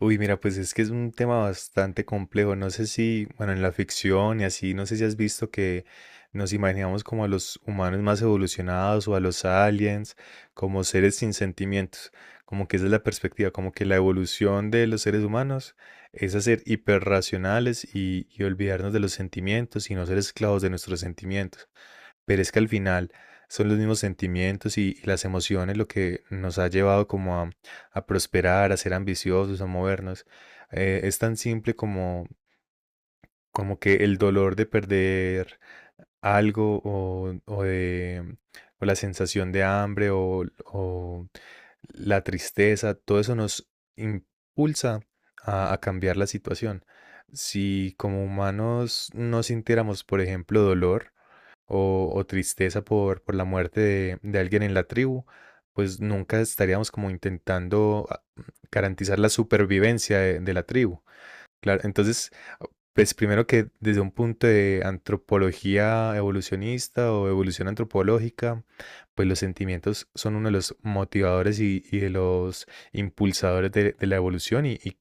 Uy, mira, pues es que es un tema bastante complejo. No sé si, bueno, en la ficción y así, no sé si has visto que nos imaginamos como a los humanos más evolucionados o a los aliens, como seres sin sentimientos. Como que esa es la perspectiva, como que la evolución de los seres humanos es hacer hiperracionales y olvidarnos de los sentimientos y no ser esclavos de nuestros sentimientos. Pero es que al final son los mismos sentimientos y las emociones lo que nos ha llevado como a prosperar, a ser ambiciosos, a movernos. Es tan simple como, como que el dolor de perder algo o la sensación de hambre o la tristeza, todo eso nos impulsa a cambiar la situación. Si como humanos no sintiéramos, por ejemplo, dolor, o tristeza por la muerte de alguien en la tribu, pues nunca estaríamos como intentando garantizar la supervivencia de la tribu. Claro, entonces, pues primero que desde un punto de antropología evolucionista o evolución antropológica, pues los sentimientos son uno de los motivadores y de los impulsadores de la evolución y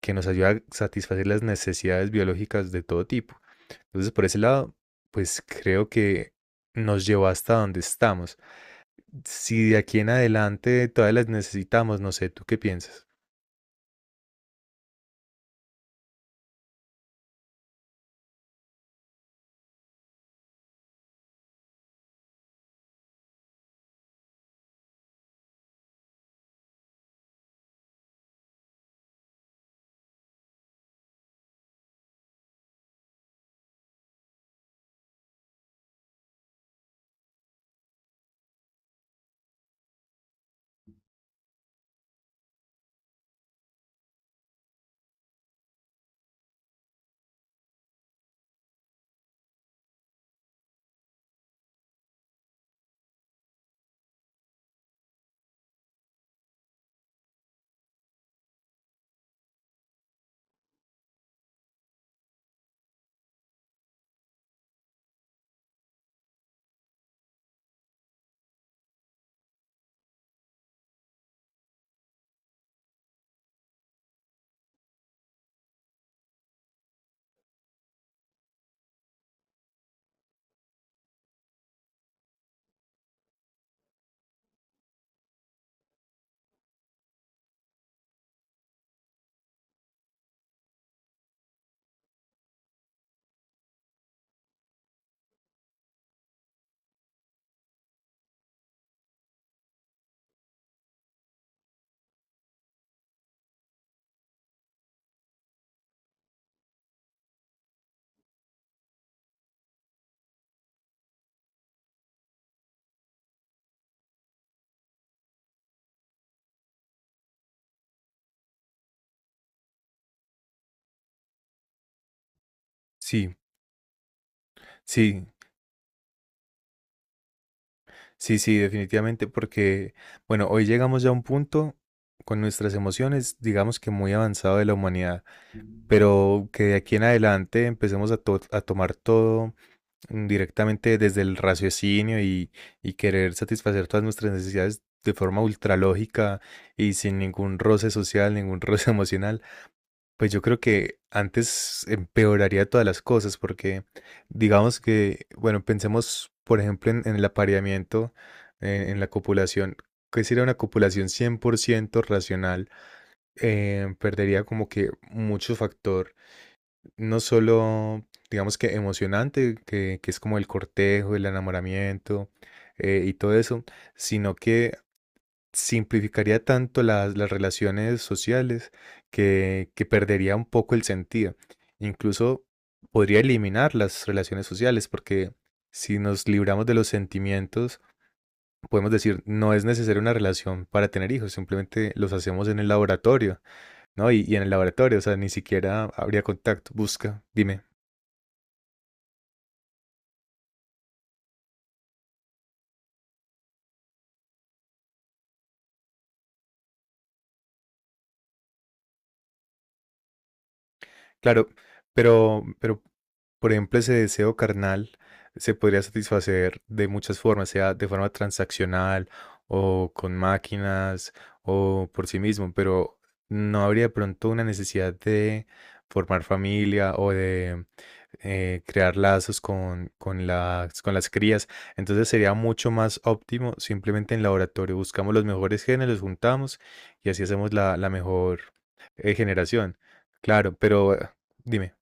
que nos ayuda a satisfacer las necesidades biológicas de todo tipo. Entonces, por ese lado, pues creo que nos llevó hasta donde estamos. Si de aquí en adelante todas las necesitamos, no sé, ¿tú qué piensas? Sí, sí, sí, sí, definitivamente, porque, bueno, hoy llegamos ya a un punto con nuestras emociones, digamos que muy avanzado de la humanidad, pero que de aquí en adelante empecemos a, a tomar todo directamente desde el raciocinio y querer satisfacer todas nuestras necesidades de forma ultralógica y sin ningún roce social, ningún roce emocional, pues yo creo que antes empeoraría todas las cosas porque digamos que, bueno, pensemos por ejemplo en el apareamiento, en la copulación, que sería una copulación 100 por ciento racional, perdería como que mucho factor no solo, digamos que emocionante, que es como el cortejo, el enamoramiento y todo eso, sino que simplificaría tanto las relaciones sociales que perdería un poco el sentido. Incluso podría eliminar las relaciones sociales porque si nos libramos de los sentimientos, podemos decir, no es necesaria una relación para tener hijos, simplemente los hacemos en el laboratorio, ¿no? Y en el laboratorio, o sea, ni siquiera habría contacto. Busca, dime. Claro, pero, pero, por ejemplo, ese deseo carnal se podría satisfacer de muchas formas, sea de forma transaccional o con máquinas o por sí mismo, pero no habría de pronto una necesidad de formar familia o de crear lazos con, con las crías. Entonces sería mucho más óptimo simplemente en laboratorio. Buscamos los mejores genes, los juntamos y así hacemos la, la mejor generación. Claro, pero dime.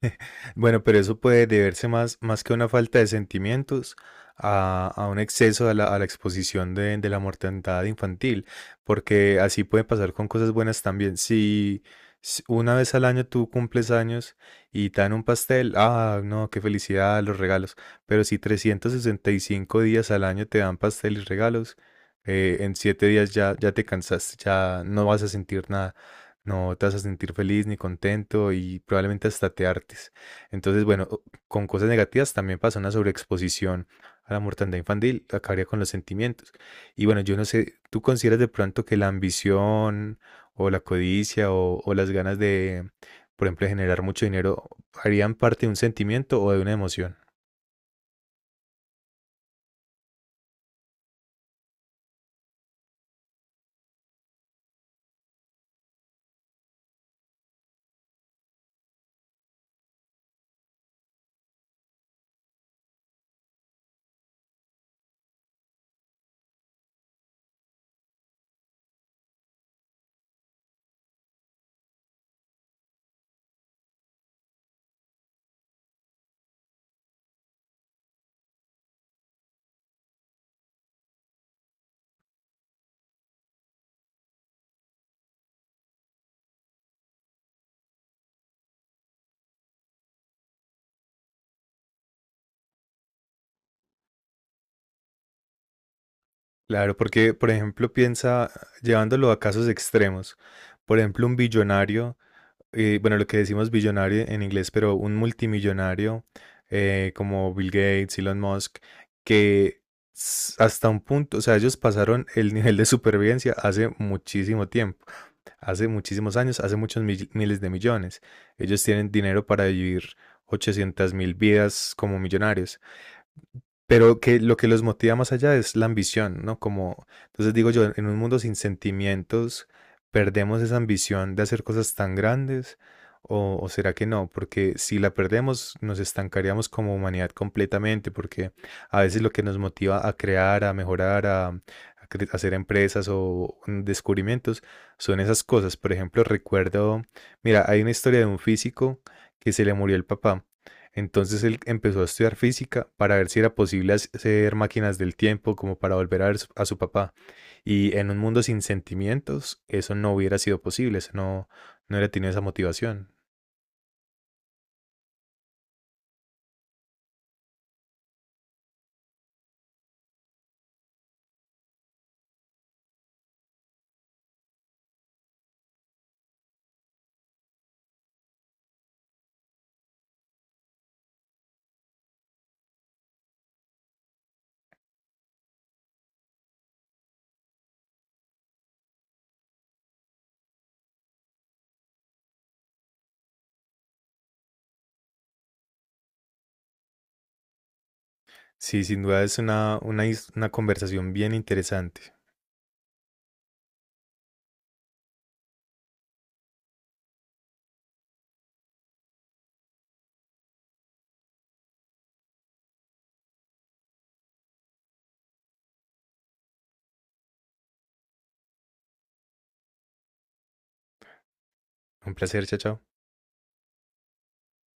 Bueno, pero eso puede deberse más, más que a una falta de sentimientos, a un exceso a la exposición de la mortandad infantil, porque así puede pasar con cosas buenas también. Si, una vez al año tú cumples años y te dan un pastel, ah, no, qué felicidad, los regalos, pero si 365 días al año te dan pastel y regalos, en 7 días ya te cansaste, ya no vas a sentir nada. No te vas a sentir feliz ni contento y probablemente hasta te hartes. Entonces, bueno, o- con cosas negativas también pasa una sobreexposición a la mortandad infantil, acabaría con los sentimientos. Y bueno, yo no sé, ¿tú consideras de pronto que la ambición o la codicia o las ganas de, por ejemplo, de generar mucho dinero harían parte de un sentimiento o de una emoción? Claro, porque, por ejemplo, piensa llevándolo a casos extremos. Por ejemplo, un billonario bueno, lo que decimos billonario en inglés, pero un multimillonario como Bill Gates, Elon Musk, que hasta un punto, o sea, ellos pasaron el nivel de supervivencia hace muchísimo tiempo, hace muchísimos años, hace muchos miles de millones. Ellos tienen dinero para vivir 800 mil vidas como millonarios. Pero que lo que los motiva más allá es la ambición, ¿no? Como, entonces digo yo, en un mundo sin sentimientos, ¿perdemos esa ambición de hacer cosas tan grandes? O será que no? Porque si la perdemos, nos estancaríamos como humanidad completamente, porque a veces lo que nos motiva a crear, a mejorar, a, a hacer empresas o descubrimientos, son esas cosas. Por ejemplo, recuerdo, mira, hay una historia de un físico que se le murió el papá. Entonces él empezó a estudiar física para ver si era posible hacer máquinas del tiempo como para volver a ver a su papá. Y en un mundo sin sentimientos, eso no hubiera sido posible, eso no, no hubiera tenido esa motivación. Sí, sin duda es una, una conversación bien interesante. Un placer, chao, chao.